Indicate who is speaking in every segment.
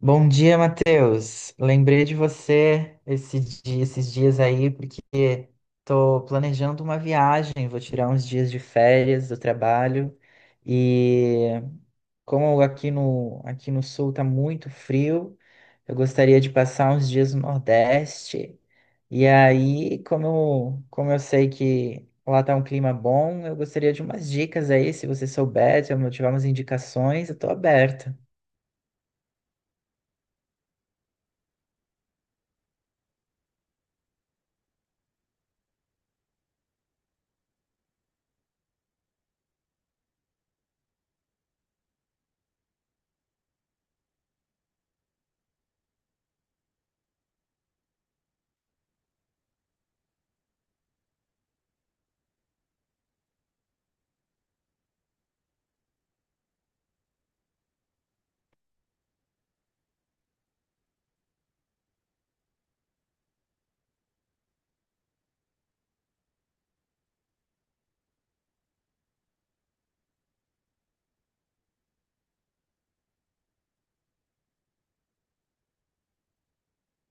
Speaker 1: Bom dia, Matheus. Lembrei de você esses dias aí, porque tô planejando uma viagem, vou tirar uns dias de férias do trabalho. E como aqui no sul tá muito frio, eu gostaria de passar uns dias no Nordeste. E aí, como eu sei que lá tá um clima bom, eu gostaria de umas dicas aí, se você souber, se eu tiver umas indicações, eu tô aberto.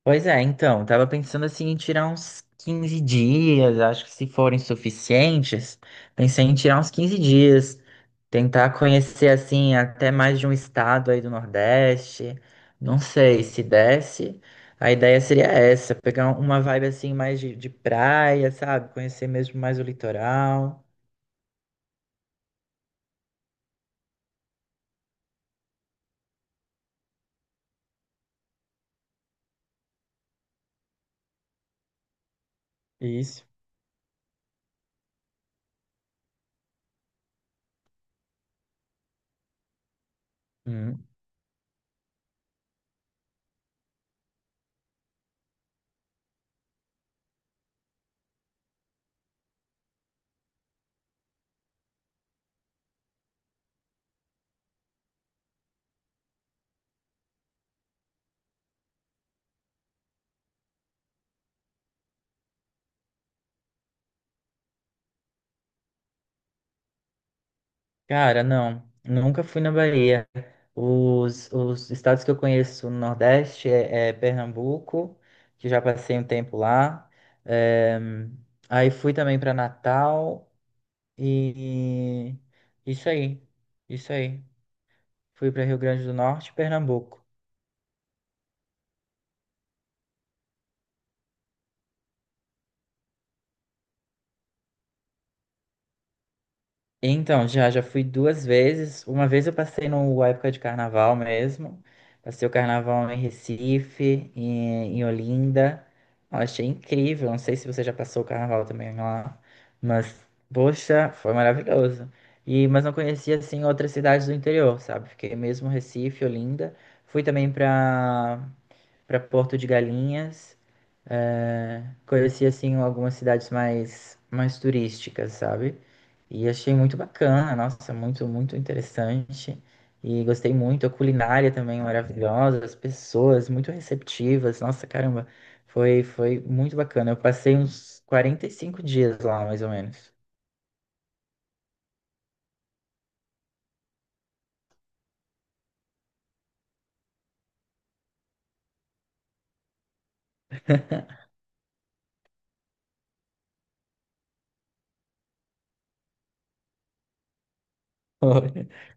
Speaker 1: Pois é, então, tava pensando assim em tirar uns 15 dias, acho que se forem suficientes, pensei em tirar uns 15 dias, tentar conhecer assim até mais de um estado aí do Nordeste, não sei se desse, a ideia seria essa, pegar uma vibe assim mais de praia, sabe? Conhecer mesmo mais o litoral. Isso. Cara, não. Nunca fui na Bahia. Os estados que eu conheço no Nordeste é Pernambuco, que já passei um tempo lá. Eh, aí fui também para Natal e e isso aí. Isso aí. Fui para Rio Grande do Norte e Pernambuco. Então, já fui duas vezes. Uma vez eu passei no época de carnaval mesmo. Passei o carnaval em Recife, em Olinda. Eu achei incrível. Não sei se você já passou o carnaval também lá, mas, poxa, foi maravilhoso. E, mas não conhecia, assim, outras cidades do interior, sabe? Fiquei mesmo em Recife, Olinda. Fui também para Porto de Galinhas. É, conheci assim algumas cidades mais turísticas, sabe? E achei muito bacana, nossa, muito interessante. E gostei muito, a culinária também maravilhosa, as pessoas muito receptivas. Nossa, caramba, foi muito bacana. Eu passei uns 45 dias lá, mais ou menos.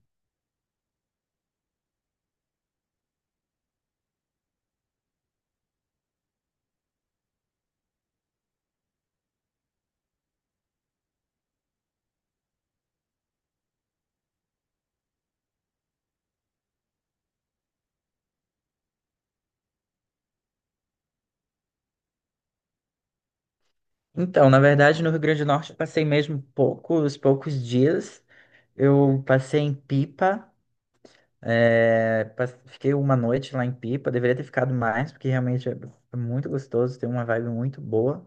Speaker 1: Então, na verdade, no Rio Grande do Norte eu passei mesmo poucos dias. Eu passei em Pipa. Fiquei uma noite lá em Pipa, deveria ter ficado mais, porque realmente é muito gostoso, tem uma vibe muito boa.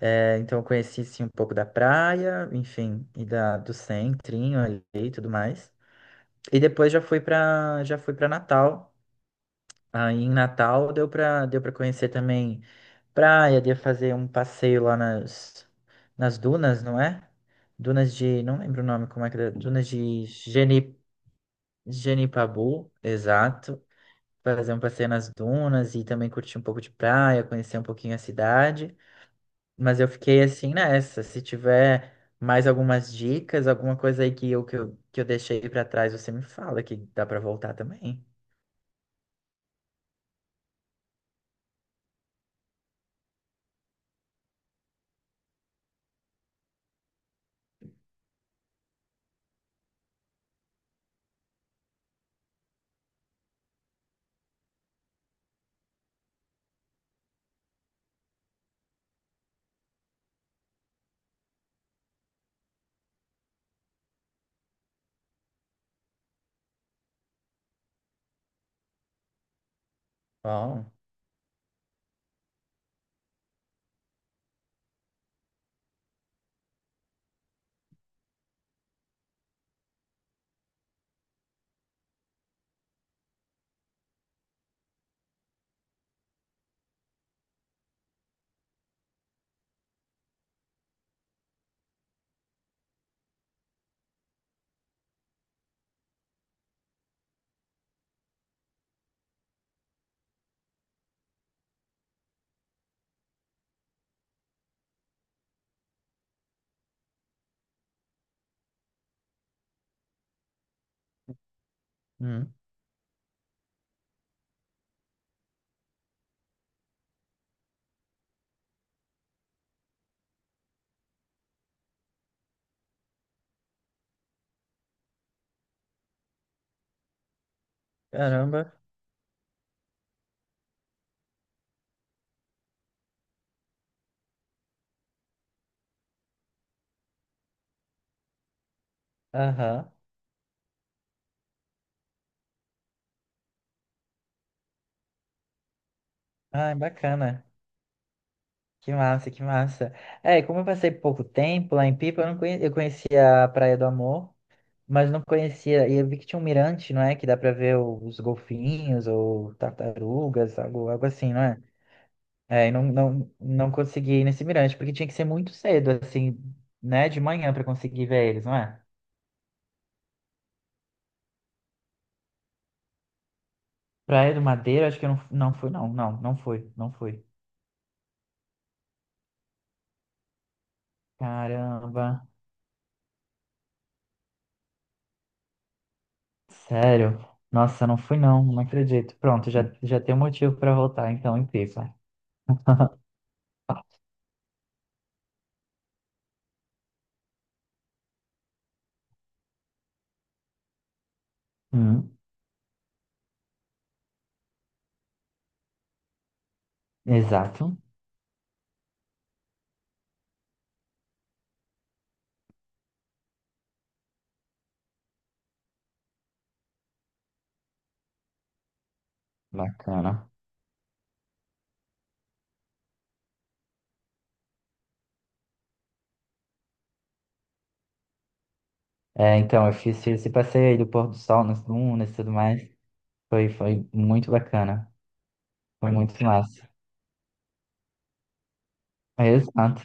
Speaker 1: É, então eu conheci sim um pouco da praia, enfim, e do centrinho ali e tudo mais. E depois já fui para Natal. Aí em Natal deu para conhecer também praia, deu pra fazer um passeio lá nas dunas, não é? Dunas de, não lembro o nome, como é que é, dunas de Geni, Genipabu, exato. Fazer um passeio nas dunas e também curtir um pouco de praia, conhecer um pouquinho a cidade. Mas eu fiquei assim nessa. Se tiver mais algumas dicas, alguma coisa aí que eu deixei pra trás, você me fala que dá pra voltar também. Bom, hum, caramba. Aham. Ai, bacana. Que massa, que massa. É, como eu passei pouco tempo lá em Pipa, eu não conhe... eu conhecia a Praia do Amor, mas não conhecia. E eu vi que tinha um mirante, não é? Que dá pra ver os golfinhos ou tartarugas, algo assim, não é? É, e não consegui ir nesse mirante, porque tinha que ser muito cedo, assim, né? De manhã pra conseguir ver eles, não é? Praia do Madeira, acho que eu não, não fui, não. Não fui, não fui. Caramba, sério. Nossa, não fui, não acredito. Pronto, já, já tem um motivo pra voltar, então, em Pipa. Hum, exato. Bacana. É, então, eu fiz esse passeio aí do pôr do sol nas dunas e tudo mais. Foi muito bacana. Foi muito massa. Exato.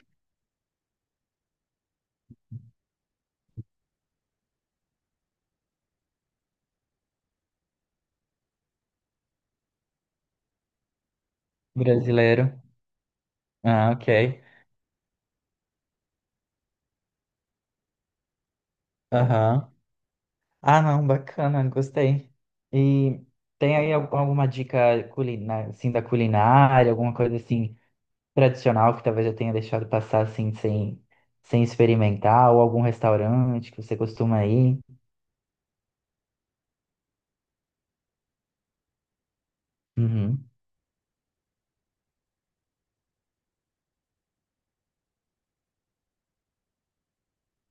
Speaker 1: Brasileiro. Ah, ok. Aham. Ah, não, bacana, gostei. E tem aí al- alguma dica culinária, assim, da culinária, alguma coisa assim tradicional que talvez eu tenha deixado passar assim sem, sem experimentar, ou algum restaurante que você costuma ir? Uhum.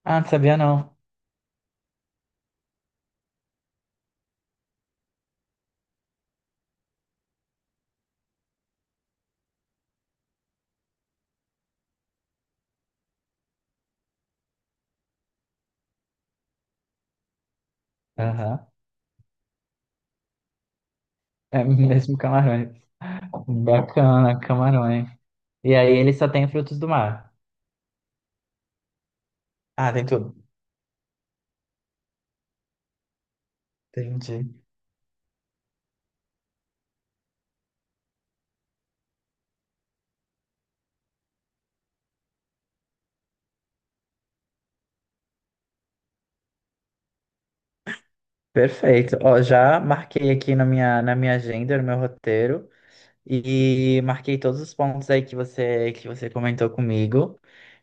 Speaker 1: Ah, não sabia não. Aham. É mesmo camarão. Bacana, camarões. E aí ele só tem frutos do mar. Ah, tem tudo. Entendi. Perfeito. Ó, já marquei aqui na minha agenda, no meu roteiro, e marquei todos os pontos aí que que você comentou comigo.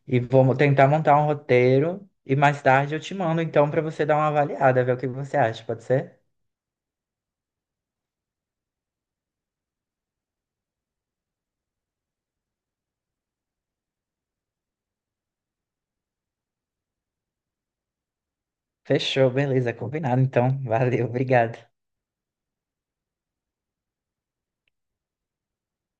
Speaker 1: E tentar montar um roteiro e mais tarde eu te mando então para você dar uma avaliada, ver o que você acha, pode ser? Fechou, beleza, combinado então. Valeu, obrigado.